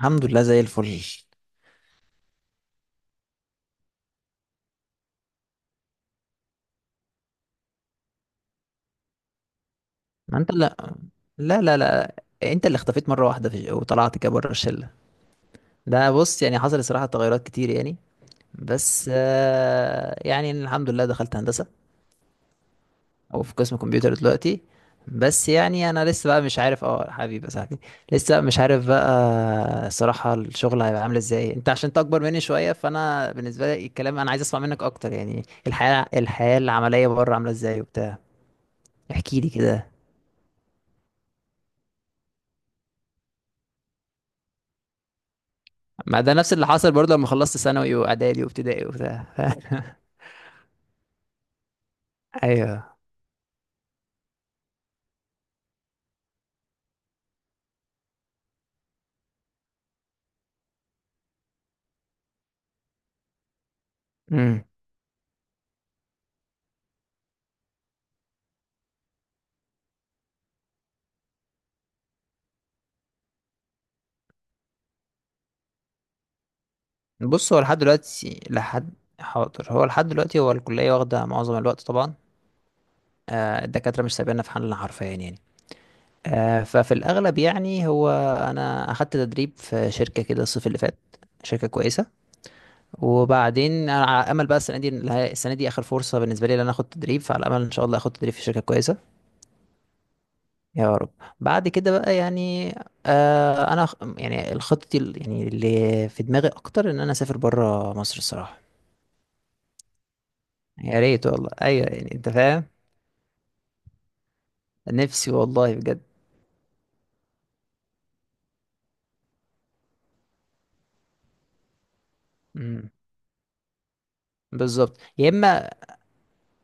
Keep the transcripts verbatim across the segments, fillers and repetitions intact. الحمد لله زي الفل. ما انت لا. لا لا لا. انت اللي اختفيت مره واحده في وطلعت كده بره الشله. ده بص، يعني حصل الصراحه تغيرات كتير يعني. بس آه، يعني الحمد لله دخلت هندسه، او في قسم كمبيوتر دلوقتي. بس يعني انا لسه بقى مش عارف، اه حبيبي يا صاحبي. لسه مش عارف بقى. الصراحه الشغل هيبقى عامل ازاي؟ انت عشان انت اكبر مني شويه، فانا بالنسبه لي الكلام انا عايز اسمع منك اكتر، يعني الحياه، الحياه العمليه بره عامله ازاي وبتاع. احكي لي كده. ما ده نفس اللي حصل برضه لما خلصت ثانوي واعدادي وابتدائي وبتاع. ايوه. امم. بص، هو لحد دلوقتي لحد، حاضر، هو لحد دلوقتي هو الكليه واخده معظم الوقت طبعا. آه، الدكاتره مش سايبيننا في حالنا حرفيا يعني. آه، ففي الاغلب يعني هو، انا اخدت تدريب في شركه كده الصيف اللي فات، شركه كويسه. وبعدين انا على امل بقى السنه دي، السنه دي اخر فرصه بالنسبه لي ان انا اخد تدريب، فعلى امل ان شاء الله اخد تدريب في شركه كويسه. يا رب. بعد كده بقى يعني، آه انا خ- يعني الخطة ال- يعني اللي في دماغي اكتر ان انا اسافر بره مصر الصراحة. يا ريت والله، ايوه يعني انت فاهم. نفسي والله بجد. امم. بالظبط يا اما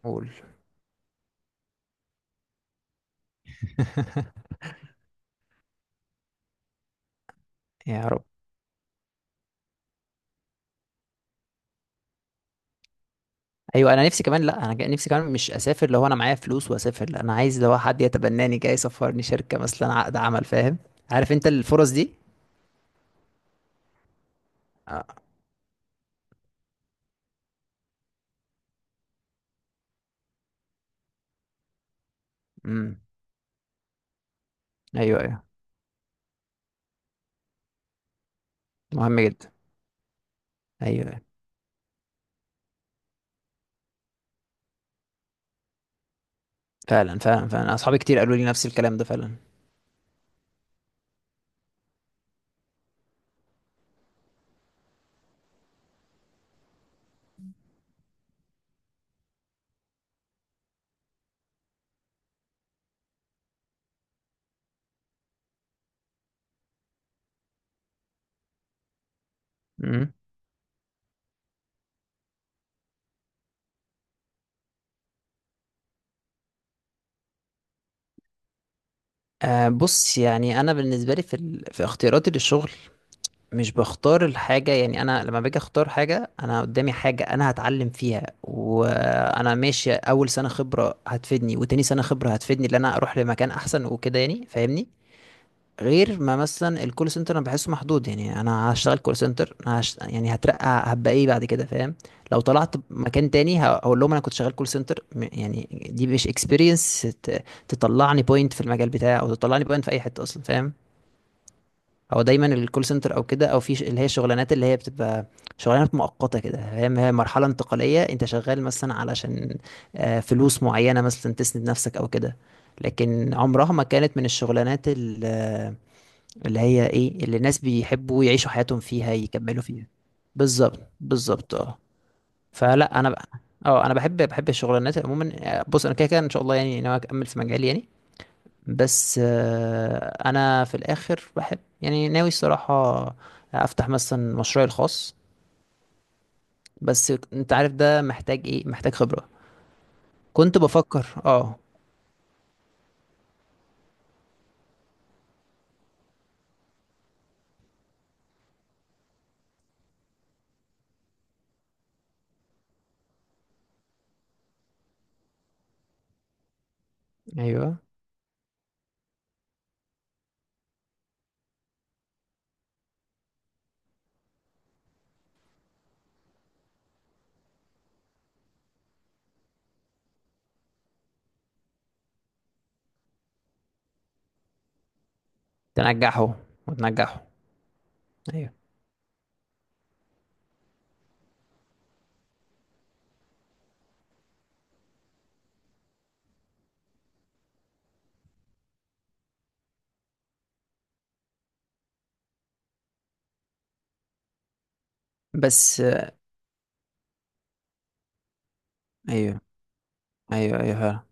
اقول. يا رب. ايوه انا نفسي كمان، لا انا جا- نفسي كمان مش اسافر لو انا معايا فلوس واسافر، لا انا عايز لو حد يتبناني جاي يسفرني، شركة مثلا عقد عمل، فاهم؟ عارف انت الفرص دي. آه. امم. ايوه ايوه، مهم جدا. ايوه فعلا فعلا فعلا، اصحابي كتير قالوا لي نفس الكلام ده فعلا. امم. أه بص، يعني انا بالنسبه لي في ال... في اختياراتي للشغل، مش بختار الحاجه. يعني انا لما باجي اختار حاجه، انا قدامي حاجه انا هتعلم فيها وانا ماشي، اول سنه خبره هتفيدني، وتاني سنه خبره هتفيدني، ان انا اروح لمكان احسن وكده يعني، فاهمني؟ غير ما مثلا الكول سنتر، انا بحسه محدود. يعني انا هشتغل كول سنتر، أنا هش... يعني هترقى هبقى ايه بعد كده، فاهم؟ لو طلعت مكان تاني هقول لهم انا كنت شغال كول سنتر، م- يعني دي مش اكسبيرينس ت... تطلعني بوينت في المجال بتاعي، او تطلعني بوينت في اي حته اصلا، فاهم؟ هو دايما الكول سنتر او كده، او في ش- اللي هي الشغلانات اللي هي بتبقى شغلانات مؤقته كده، فاهم. هي مرحله انتقاليه، انت شغال مثلا علشان آه، فلوس معينه مثلا تسند نفسك او كده. لكن عمرها ما كانت من الشغلانات ال، اللي هي ايه، اللي الناس بيحبوا يعيشوا حياتهم فيها يكملوا فيها. بالظبط، بالظبط، اه. فلا انا بقى اه، انا بحب، بحب الشغلانات عموما. آه، بص انا كده كده ان شاء الله يعني ناوي اكمل في مجالي يعني. بس آه، انا في الاخر بحب، يعني ناوي الصراحه افتح مثلا مشروعي الخاص. بس انت عارف ده محتاج ايه؟ محتاج خبره. كنت بفكر اه. ايوه تنجحه، وتنجحه. ايوه. بس آه، ايوه ايوه ايوه.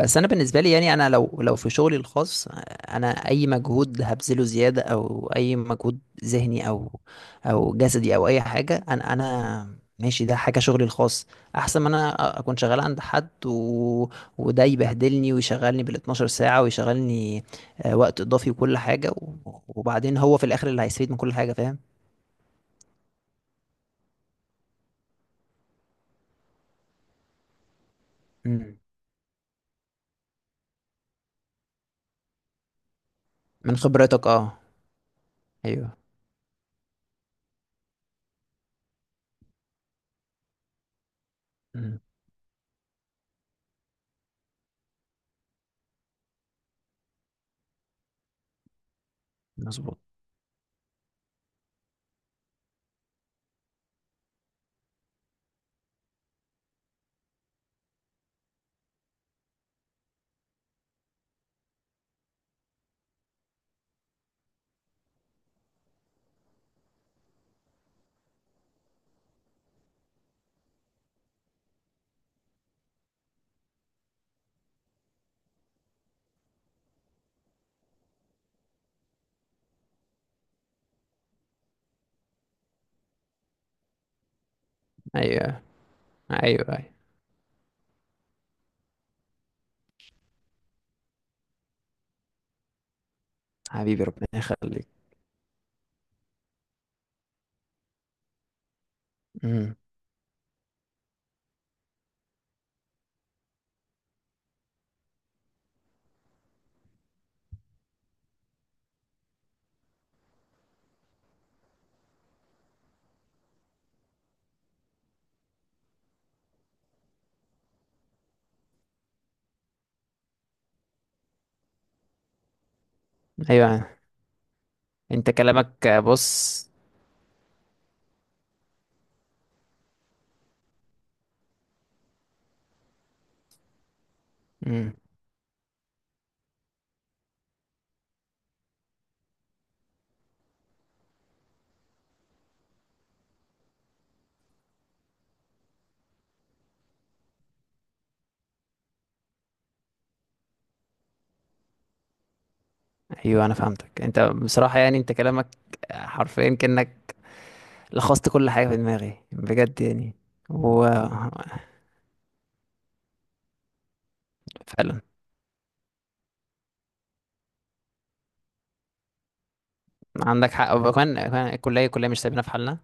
بس انا بالنسبه لي يعني، انا لو لو في شغلي الخاص انا اي مجهود هبذله زياده، او اي مجهود ذهني او او جسدي او اي حاجه، انا انا ماشي، ده حاجه شغلي الخاص. احسن ما انا اكون شغال عند حد، و... وده يبهدلني ويشغلني بال اتناشر ساعه، ويشغلني آه، وقت اضافي وكل حاجه و... وبعدين هو في الاخر اللي هيستفيد من كل حاجه، فاهم؟ مم. من خبرتك اه. ايوه. مم. مظبوط. ايوه ايوه ايوه. حبيبي ربنا يخليك. مم. ايوه. انت كلامك بص. مم. ايوه انا فهمتك انت بصراحة يعني، انت كلامك حرفيا كأنك لخصت كل حاجة في دماغي بجد يعني. و فعلا عندك حق. وكمان كمان الكلية، الكلية مش سايبينها في حالنا.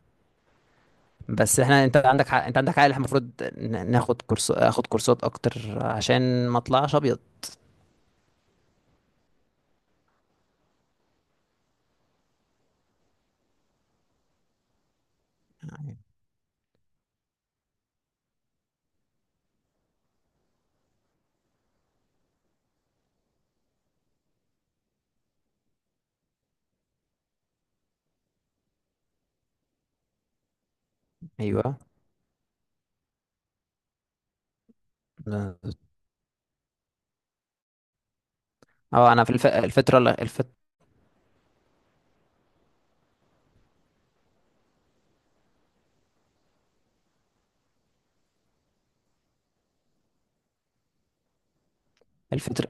بس احنا، انت عندك حق، انت عندك حق، اللي احنا المفروض ن- ناخد كورس، اخد كورسات اكتر عشان ما اطلعش ابيض. ايوه بالظبط. اه انا في الف... الفترة اللي الفت... الفترة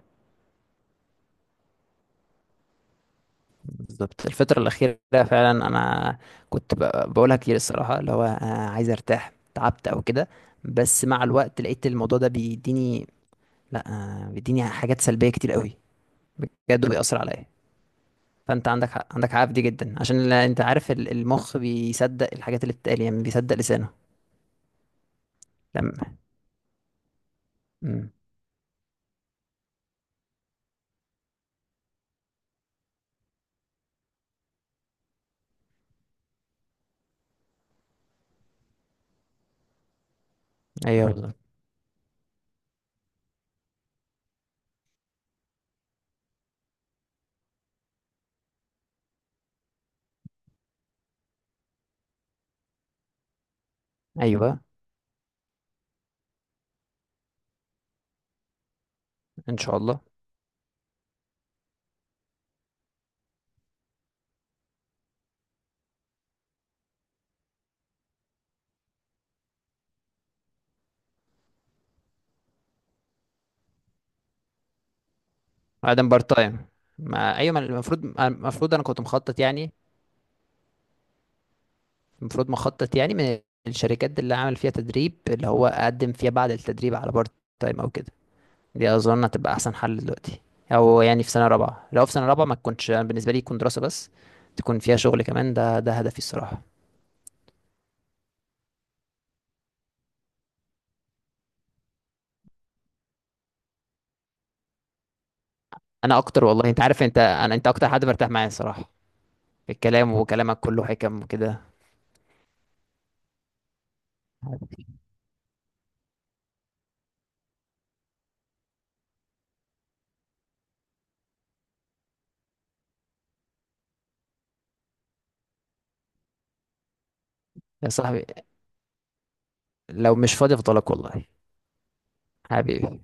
بالظبط، الفترة الأخيرة فعلا أنا كنت ب- بقولها كتير الصراحة، اللي هو أنا عايز أرتاح، تعبت أو كده. بس مع الوقت لقيت الموضوع ده بيديني، لأ آه، بيديني حاجات سلبية كتير قوي، بجد بيأثر عليا. فأنت عندك حق، عندك حق في دي جدا. عشان ال- أنت عارف ال- المخ بيصدق الحاجات اللي بتتقال، يعني بيصدق لسانه لما. مم. أيوه بالظبط. أيوه إن شاء الله. بعدين بارت تايم. ما أيوه، ما المفروض، المفروض أنا كنت مخطط يعني، المفروض مخطط يعني من الشركات اللي اعمل فيها تدريب، اللي هو اقدم فيها بعد التدريب على بارت تايم او كده. دي اظن هتبقى احسن حل دلوقتي. او يعني في سنه رابعه، لو في سنه رابعه ما تكونش، أنا بالنسبه لي تكون دراسه بس، تكون فيها شغل كمان، ده ده هدفي الصراحه. انا اكتر والله. انت عارف، انت انا انت اكتر حد برتاح معايا الصراحه في الكلام، وكلامك كله حكم وكده. يا صاحبي، لو مش فاضي افضلك والله. حبيبي.